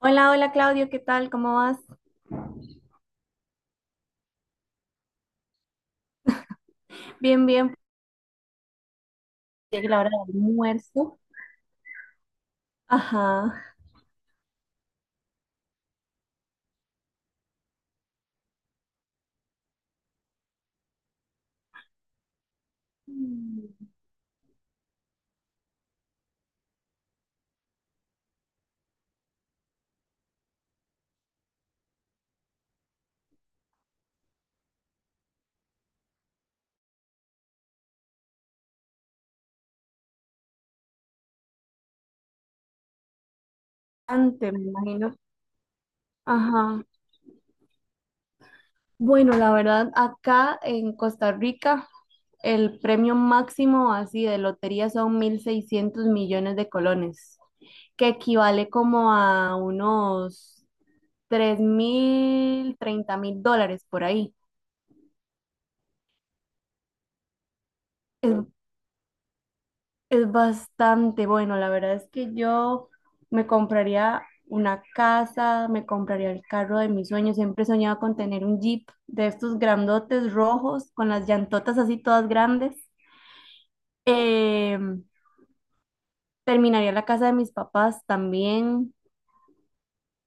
Hola, hola Claudio, ¿qué tal? ¿Cómo vas? Bien, bien. Llegue la hora del almuerzo. Ajá. Mm, Antes, me imagino. Ajá. Bueno, la verdad, acá en Costa Rica, el premio máximo así de lotería son 1.600 millones de colones, que equivale como a unos 3.000, 30.000 dólares por ahí. Es Es bastante bueno, la verdad es que yo me compraría una casa, me compraría el carro de mis sueños, siempre soñaba con tener un Jeep de estos grandotes rojos, con las llantotas así todas grandes. Eh, Terminaría la casa de mis papás también,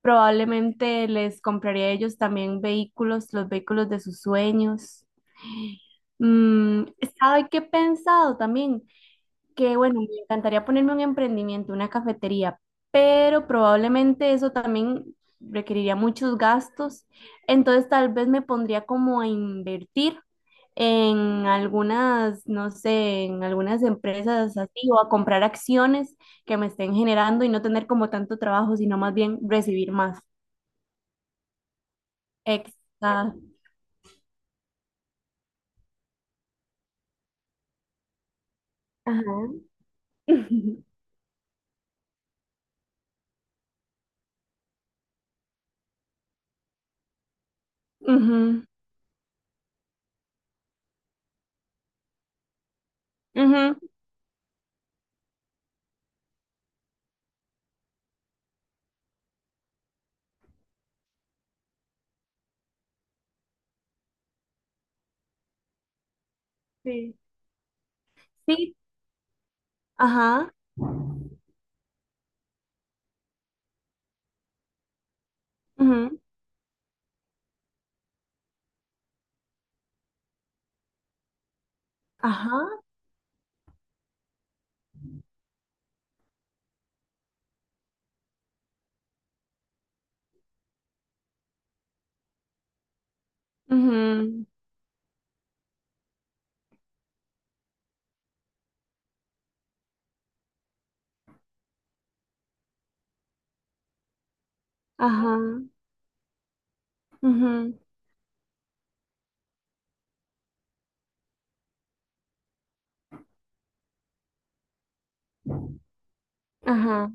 probablemente les compraría a ellos también vehículos, los vehículos de sus sueños. Mm, ¿sabe qué he pensado también? Que bueno, me encantaría ponerme un emprendimiento, una cafetería, pero probablemente eso también requeriría muchos gastos, entonces tal vez me pondría como a invertir en algunas, no sé, en algunas empresas así o a comprar acciones que me estén generando y no tener como tanto trabajo, sino más bien recibir más. Exacto. Ajá. Ujú, ujú. Sí. Sí, ajá, ujú, ajá, ujú. Ajá, ujú, ajá.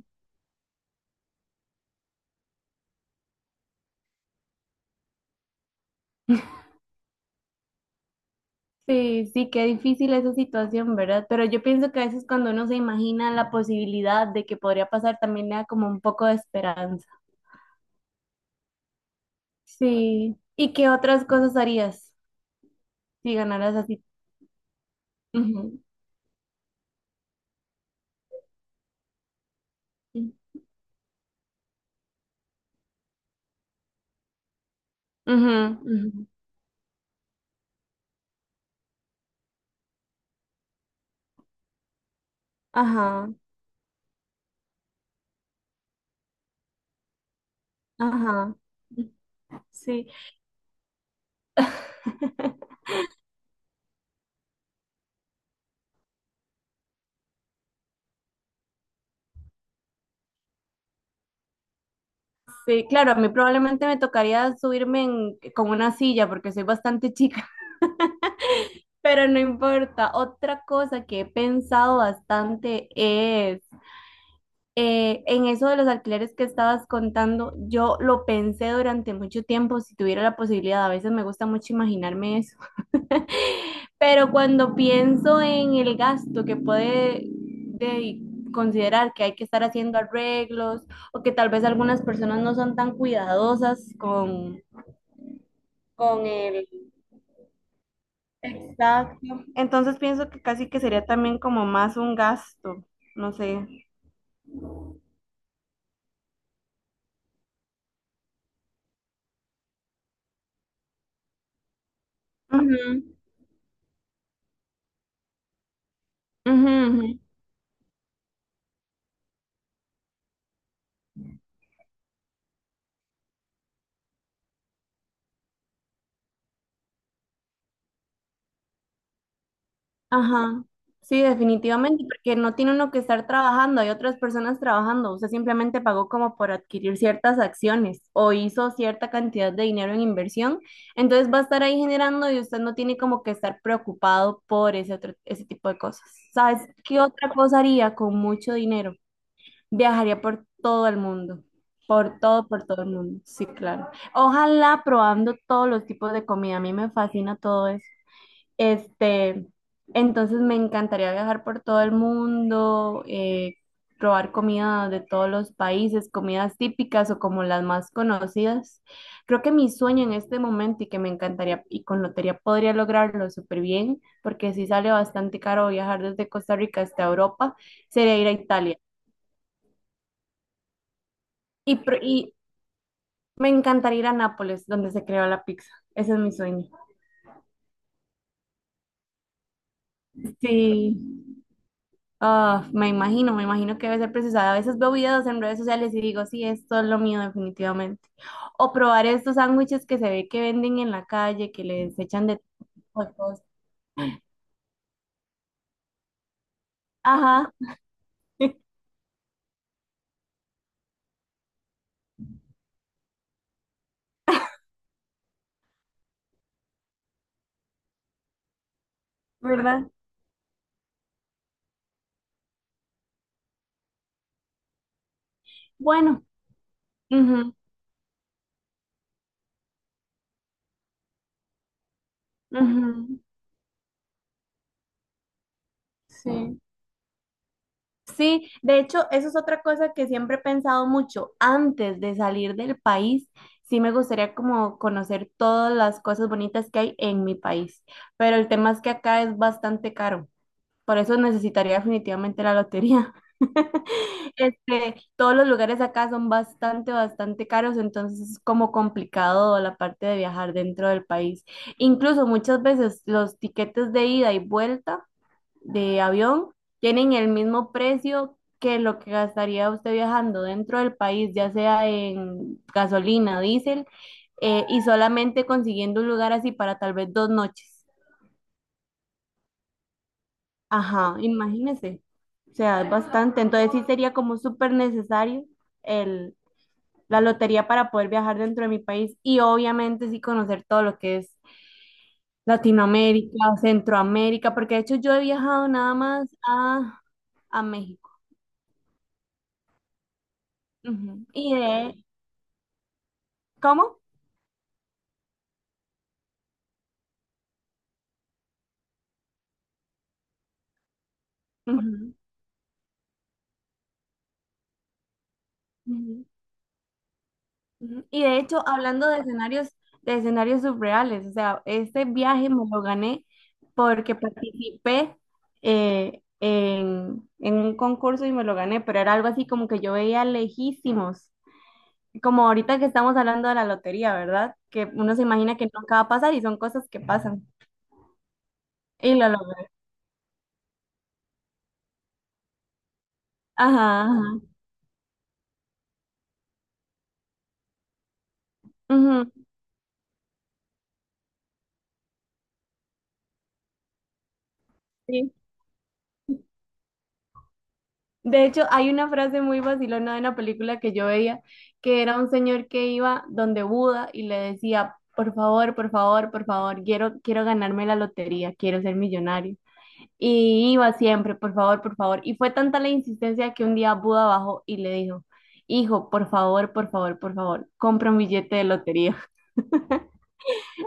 Sí, sí, qué difícil esa situación, ¿verdad? Pero yo pienso que a veces cuando uno se imagina la posibilidad de que podría pasar, también le da como un poco de esperanza. Sí. ¿Y qué otras cosas harías si ganaras así? Ujú, sí. Ujú, ujú. Ajá, ajá. Sí. Sí, claro, a mí probablemente me tocaría subirme en- con una silla porque soy bastante chica. Pero no importa. Otra cosa que he pensado bastante es en eso de los alquileres que estabas contando, yo lo pensé durante mucho tiempo, si tuviera la posibilidad, a veces me gusta mucho imaginarme eso, pero cuando pienso en el gasto que puede de- considerar que hay que estar haciendo arreglos o que tal vez algunas personas no son tan cuidadosas con el Exacto. Entonces pienso que casi que sería también como más un gasto, no sé. Ujú, ujú, ujú. Ajá. Sí, definitivamente, porque no tiene uno que estar trabajando, hay otras personas trabajando. Usted simplemente pagó como por adquirir ciertas acciones o hizo cierta cantidad de dinero en inversión. Entonces va a estar ahí generando y usted no tiene como que estar preocupado por ese otro, ese tipo de cosas. ¿Sabes qué otra cosa haría con mucho dinero? Viajaría por todo el mundo, por todo el mundo, sí, claro. Ojalá probando todos los tipos de comida, a mí me fascina todo eso. Este, entonces me encantaría viajar por todo el mundo, probar comida de todos los países, comidas típicas o como las más conocidas. Creo que mi sueño en este momento y que me encantaría y con lotería podría lograrlo súper bien, porque sí sale bastante caro viajar desde Costa Rica hasta Europa, sería ir a Italia. Y, pro- y Me encantaría ir a Nápoles, donde se creó la pizza. Ese es mi sueño. Sí, ah, me imagino que debe ser preciosa. A veces veo videos en redes sociales y digo, sí, esto es lo mío definitivamente. O probar estos sándwiches que se ve que venden en la calle, que les echan de tipo de cosas. Ajá, ¿verdad? Bueno, ujú, ujú, sí. Sí, de hecho, eso es otra cosa que siempre he pensado mucho. Antes de salir del país, sí me gustaría como conocer todas las cosas bonitas que hay en mi país, pero el tema es que acá es bastante caro. Por eso necesitaría definitivamente la lotería. Este, todos los lugares acá son bastante, bastante caros, entonces es como complicado la parte de viajar dentro del país. Incluso muchas veces los tiquetes de ida y vuelta de avión tienen el mismo precio que lo que gastaría usted viajando dentro del país, ya sea en gasolina, diésel, y solamente consiguiendo un lugar así para tal vez 2 noches. Ajá, imagínese. O sea, es bastante. Entonces sí sería como súper necesario el, la lotería para poder viajar dentro de mi país y obviamente sí conocer todo lo que es Latinoamérica, Centroamérica, porque de hecho yo he viajado nada más a México. Ujú. Y de, ¿cómo? Ujú, ujú, ujú. Y de hecho, hablando de escenarios surreales, o sea, este viaje me lo gané porque participé en un concurso y me lo gané, pero era algo así como que yo veía lejísimos, como ahorita que estamos hablando de la lotería, ¿verdad? Que uno se imagina que nunca va a pasar y son cosas que pasan. Y lo logré. Ajá, ajá. Ujú, sí. De hecho, hay una frase muy vacilona de una película que yo veía, que era un señor que iba donde Buda y le decía, por favor, por favor, por favor, quiero ganarme la lotería, quiero ser millonario. Y iba siempre, por favor, por favor. Y fue tanta la insistencia que un día Buda bajó y le dijo, hijo, por favor, por favor, por favor, compra un billete de lotería.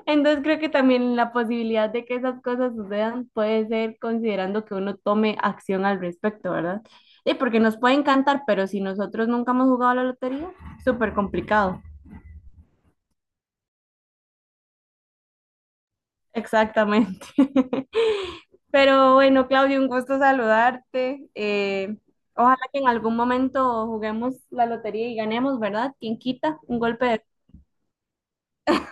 Entonces creo que también la posibilidad de que esas cosas sucedan puede ser considerando que uno tome acción al respecto, ¿verdad? Sí, porque nos puede encantar, pero si nosotros nunca hemos jugado a la lotería, súper complicado. Exactamente. Pero bueno, Claudio, un gusto saludarte. Ojalá que en algún momento juguemos la lotería y ganemos, ¿verdad? ¿Quién quita un golpe de...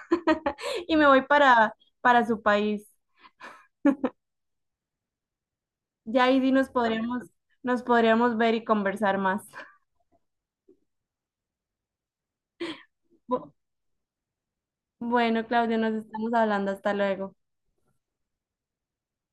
Y me voy para su país. Ya ahí sí nos podríamos ver y conversar más. Bu- Bueno, Claudio, nos estamos hablando. Hasta luego.